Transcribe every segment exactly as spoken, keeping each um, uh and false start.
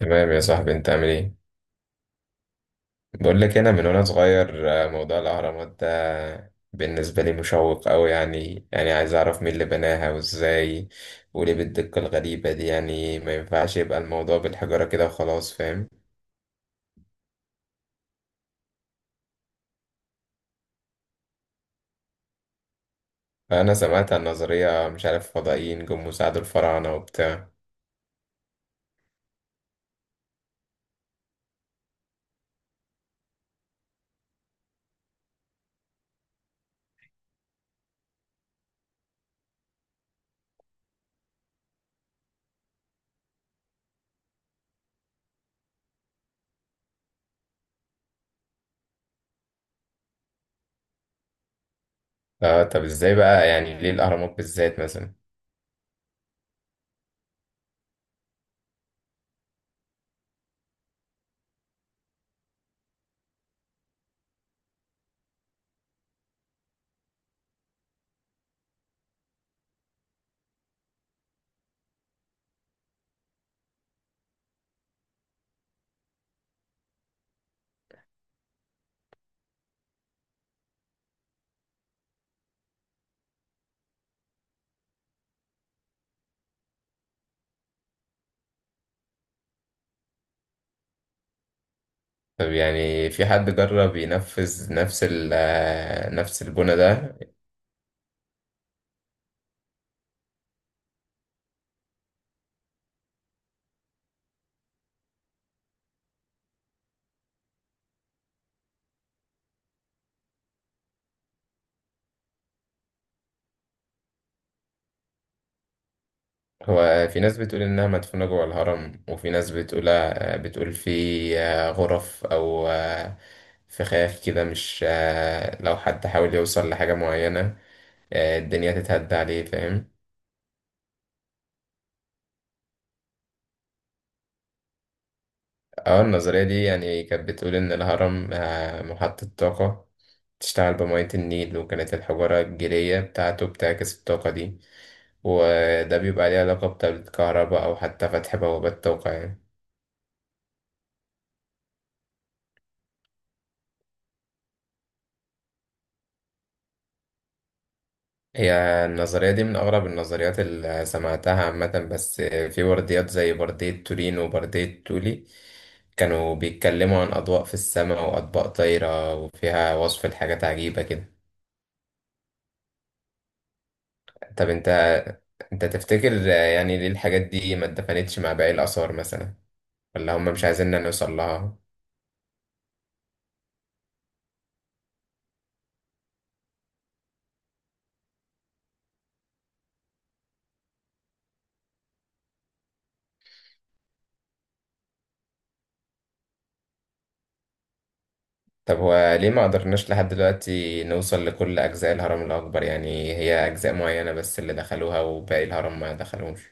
تمام يا صاحبي، انت عامل ايه؟ بقول لك انا من وانا صغير، آه، موضوع الاهرامات ده بالنسبه لي مشوق قوي. يعني يعني عايز اعرف مين اللي بناها وازاي، وليه بالدقه الغريبه دي. يعني ما ينفعش يبقى الموضوع بالحجاره كده وخلاص، فاهم؟ فانا سمعت عن نظريه، مش عارف، فضائيين جم وساعدوا الفراعنه وبتاع. اه، طب ازاي بقى؟ يعني ليه الاهرامات بالذات مثلا؟ طب يعني في حد جرب ينفذ نفس ال آه، نفس البنى ده؟ هو في ناس بتقول إنها مدفونة جوه الهرم، وفي ناس بتقول بتقول في آه، غرف أو آه، فخاخ كده، مش، آه، لو حد حاول يوصل لحاجة معينة آه، الدنيا تتهد عليه، فاهم؟ اه، النظرية دي يعني كانت بتقول إن الهرم آه، محطة طاقة، تشتغل بمية النيل، وكانت الحجارة الجيرية بتاعته بتعكس الطاقة دي، وده بيبقى ليه علاقة بالكهرباء أو حتى فتح بوابات طاقة يعني. هي النظرية دي من أغرب النظريات اللي سمعتها عامة. بس في برديات زي بردية تورين وبردية تولي، كانوا بيتكلموا عن أضواء في السماء وأطباق طايرة، وفيها وصف لحاجات عجيبة كده. طب أنت أنت تفتكر يعني ليه الحاجات دي ما اتدفنتش مع باقي الآثار مثلا؟ ولا هم مش عايزيننا نوصل لها؟ طب هو ليه ما قدرناش لحد دلوقتي نوصل لكل أجزاء الهرم الأكبر؟ يعني هي أجزاء معينة بس اللي دخلوها وباقي الهرم ما دخلوش.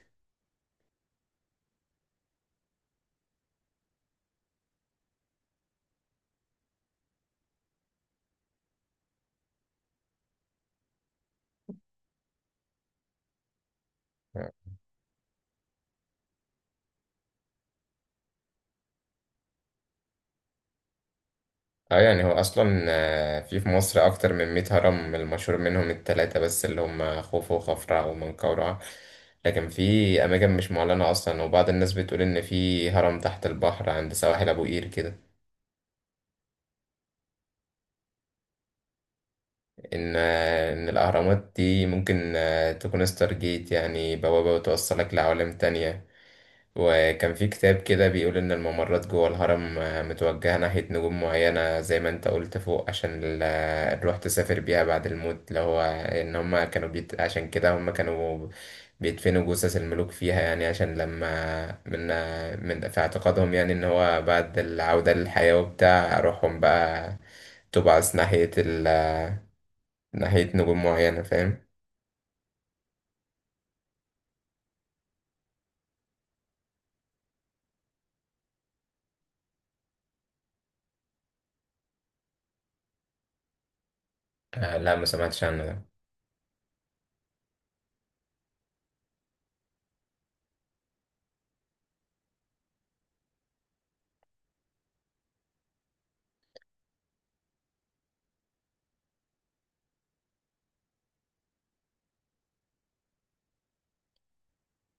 اه، يعني هو اصلا، آه، في في مصر اكتر من مية هرم، المشهور منهم التلاتة بس اللي هم خوفو وخفرع ومنقورع. لكن في اماكن مش معلنة اصلا، وبعض الناس بتقول ان في هرم تحت البحر عند سواحل ابو قير كده. ان آه، ان الاهرامات دي ممكن آه، تكون ستار جيت، يعني بوابة بتوصلك لعوالم تانية. وكان في كتاب كده بيقول إن الممرات جوه الهرم آه، متوجهة ناحية نجوم معينة زي ما أنت قلت فوق، عشان ال- آه، الروح تسافر بيها بعد الموت. اللي هو إن هما كانوا بيت... عشان كده هما كانوا بيدفنوا جثث الملوك فيها، يعني عشان لما من آه، من في اعتقادهم، يعني إن هو بعد العودة للحياة وبتاع، روحهم بقى تبعث ناحية ال... آه، ناحية نجوم معينة، فاهم؟ آه لا، ما سمعتش عنه ده.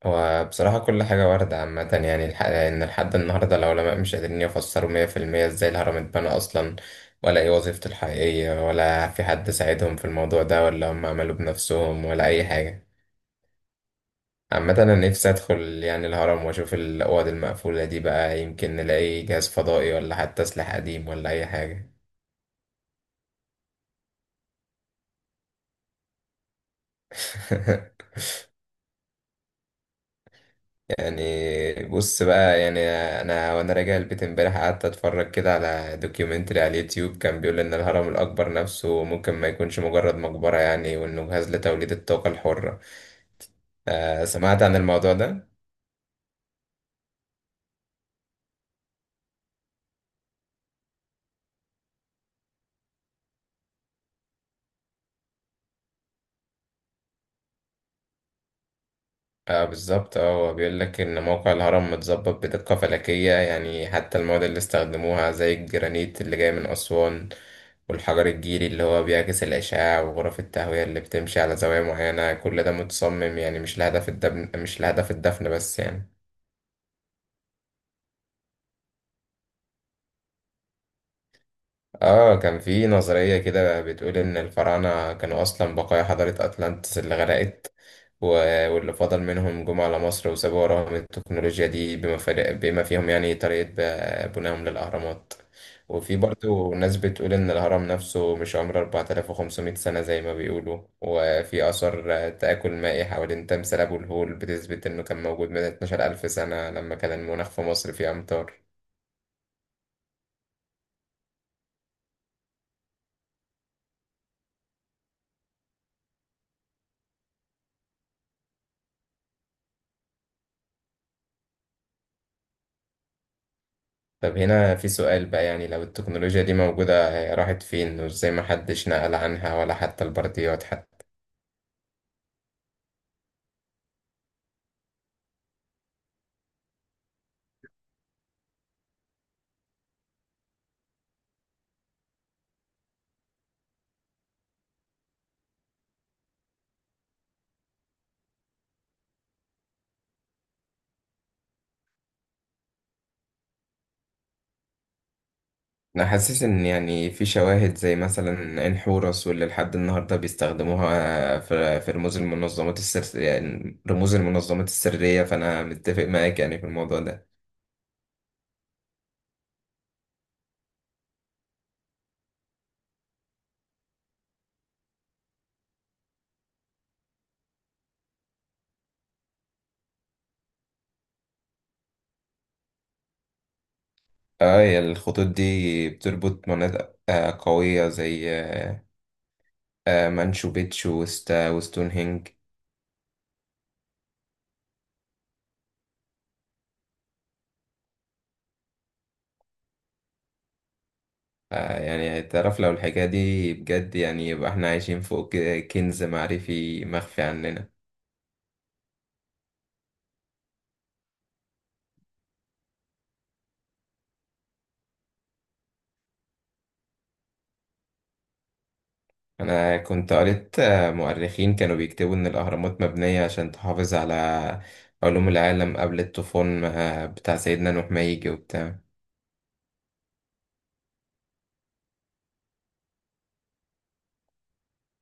وبصراحة كل حاجة واردة عامة، يعني الح- إن لحد النهاردة العلماء مش قادرين يفسروا مية في المية إزاي الهرم اتبنى أصلا، ولا إيه وظيفته الحقيقية، ولا في حد ساعدهم في الموضوع ده، ولا هم عملوا بنفسهم، ولا أي حاجة. عامة أنا نفسي أدخل يعني الهرم وأشوف الأوض المقفولة دي بقى، يمكن نلاقي جهاز فضائي ولا حتى سلاح قديم ولا أي حاجة. يعني بص بقى، يعني انا وانا راجع البيت امبارح قعدت اتفرج كده على دوكيومنتري على اليوتيوب. كان بيقول ان الهرم الاكبر نفسه ممكن ما يكونش مجرد مقبرة يعني، وانه جهاز لتوليد الطاقة الحرة. آه، سمعت عن الموضوع ده؟ اه بالظبط. اه هو بيقول لك ان موقع الهرم متظبط بدقة فلكية، يعني حتى المواد اللي استخدموها زي الجرانيت اللي جاي من أسوان، والحجر الجيري اللي هو بيعكس الأشعة، وغرف التهوية اللي بتمشي على زوايا معينة، كل ده متصمم يعني مش لهدف الدفن مش لهدف الدفن بس يعني. اه، كان في نظرية كده بتقول إن الفراعنة كانوا أصلا بقايا حضارة أطلانتس اللي غرقت، و- واللي فضل منهم جم على مصر وسابوا وراهم التكنولوجيا دي، بما, فر- بما فيهم يعني طريقة ب- بنائهم للأهرامات. وفي برضه ناس بتقول إن الهرم نفسه مش عمره اربعة الاف وخمسمية سنة زي ما بيقولوا، وفي آثار تآكل مائي حوالين تمثال أبو الهول بتثبت إنه كان موجود من اثني عشر الف سنة، لما كان المناخ في مصر فيه أمطار. طب هنا في سؤال بقى. يعني لو التكنولوجيا دي موجودة هي راحت فين؟ وازاي ما حدش نقل عنها ولا حتى البرديات حتى؟ انا حاسس ان، يعني في شواهد زي مثلا عين حورس، واللي لحد النهارده بيستخدموها في في رموز المنظمات السر يعني رموز المنظمات السرية. فانا متفق معاك يعني في الموضوع ده. اه، هي الخطوط دي بتربط مناطق آه، قوية زي آه، آه، مانشو بيتشو وستا وستونهنج. آه، يعني تعرف، لو الحكاية دي بجد يعني يبقى احنا عايشين فوق ك- كنز معرفي مخفي عننا. انا كنت قريت آه، مؤرخين كانوا بيكتبوا ان الاهرامات مبنية عشان تحافظ على علوم العالم قبل الطوفان آه، بتاع سيدنا نوح ما يجي وبتاع.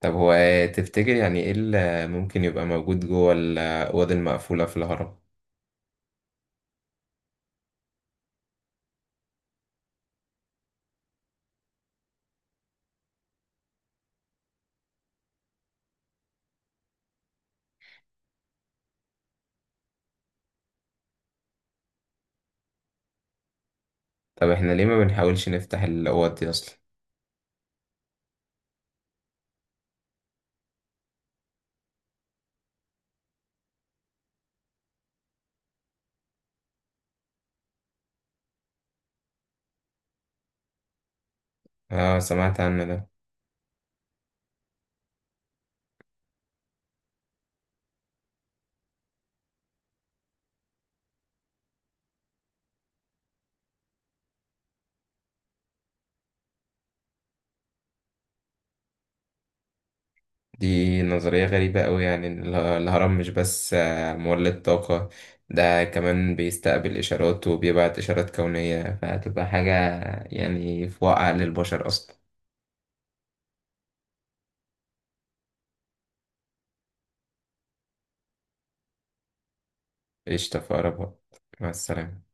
طب هو تفتكر يعني ايه اللي ممكن يبقى موجود جوه الاوض المقفولة في الهرم؟ طب احنا ليه ما بنحاولش نفتح الاوض دي اصلا؟ اه، سمعت عنه ده. دي نظرية غريبة أوي، يعني إن اله- الهرم مش بس آه، مولد طاقة، ده كمان بيستقبل إشارات وبيبعت إشارات كونية. فهتبقى حاجة يعني في واقع للبشر أصلا. قشطة، في أقرب وقت. مع السلامة.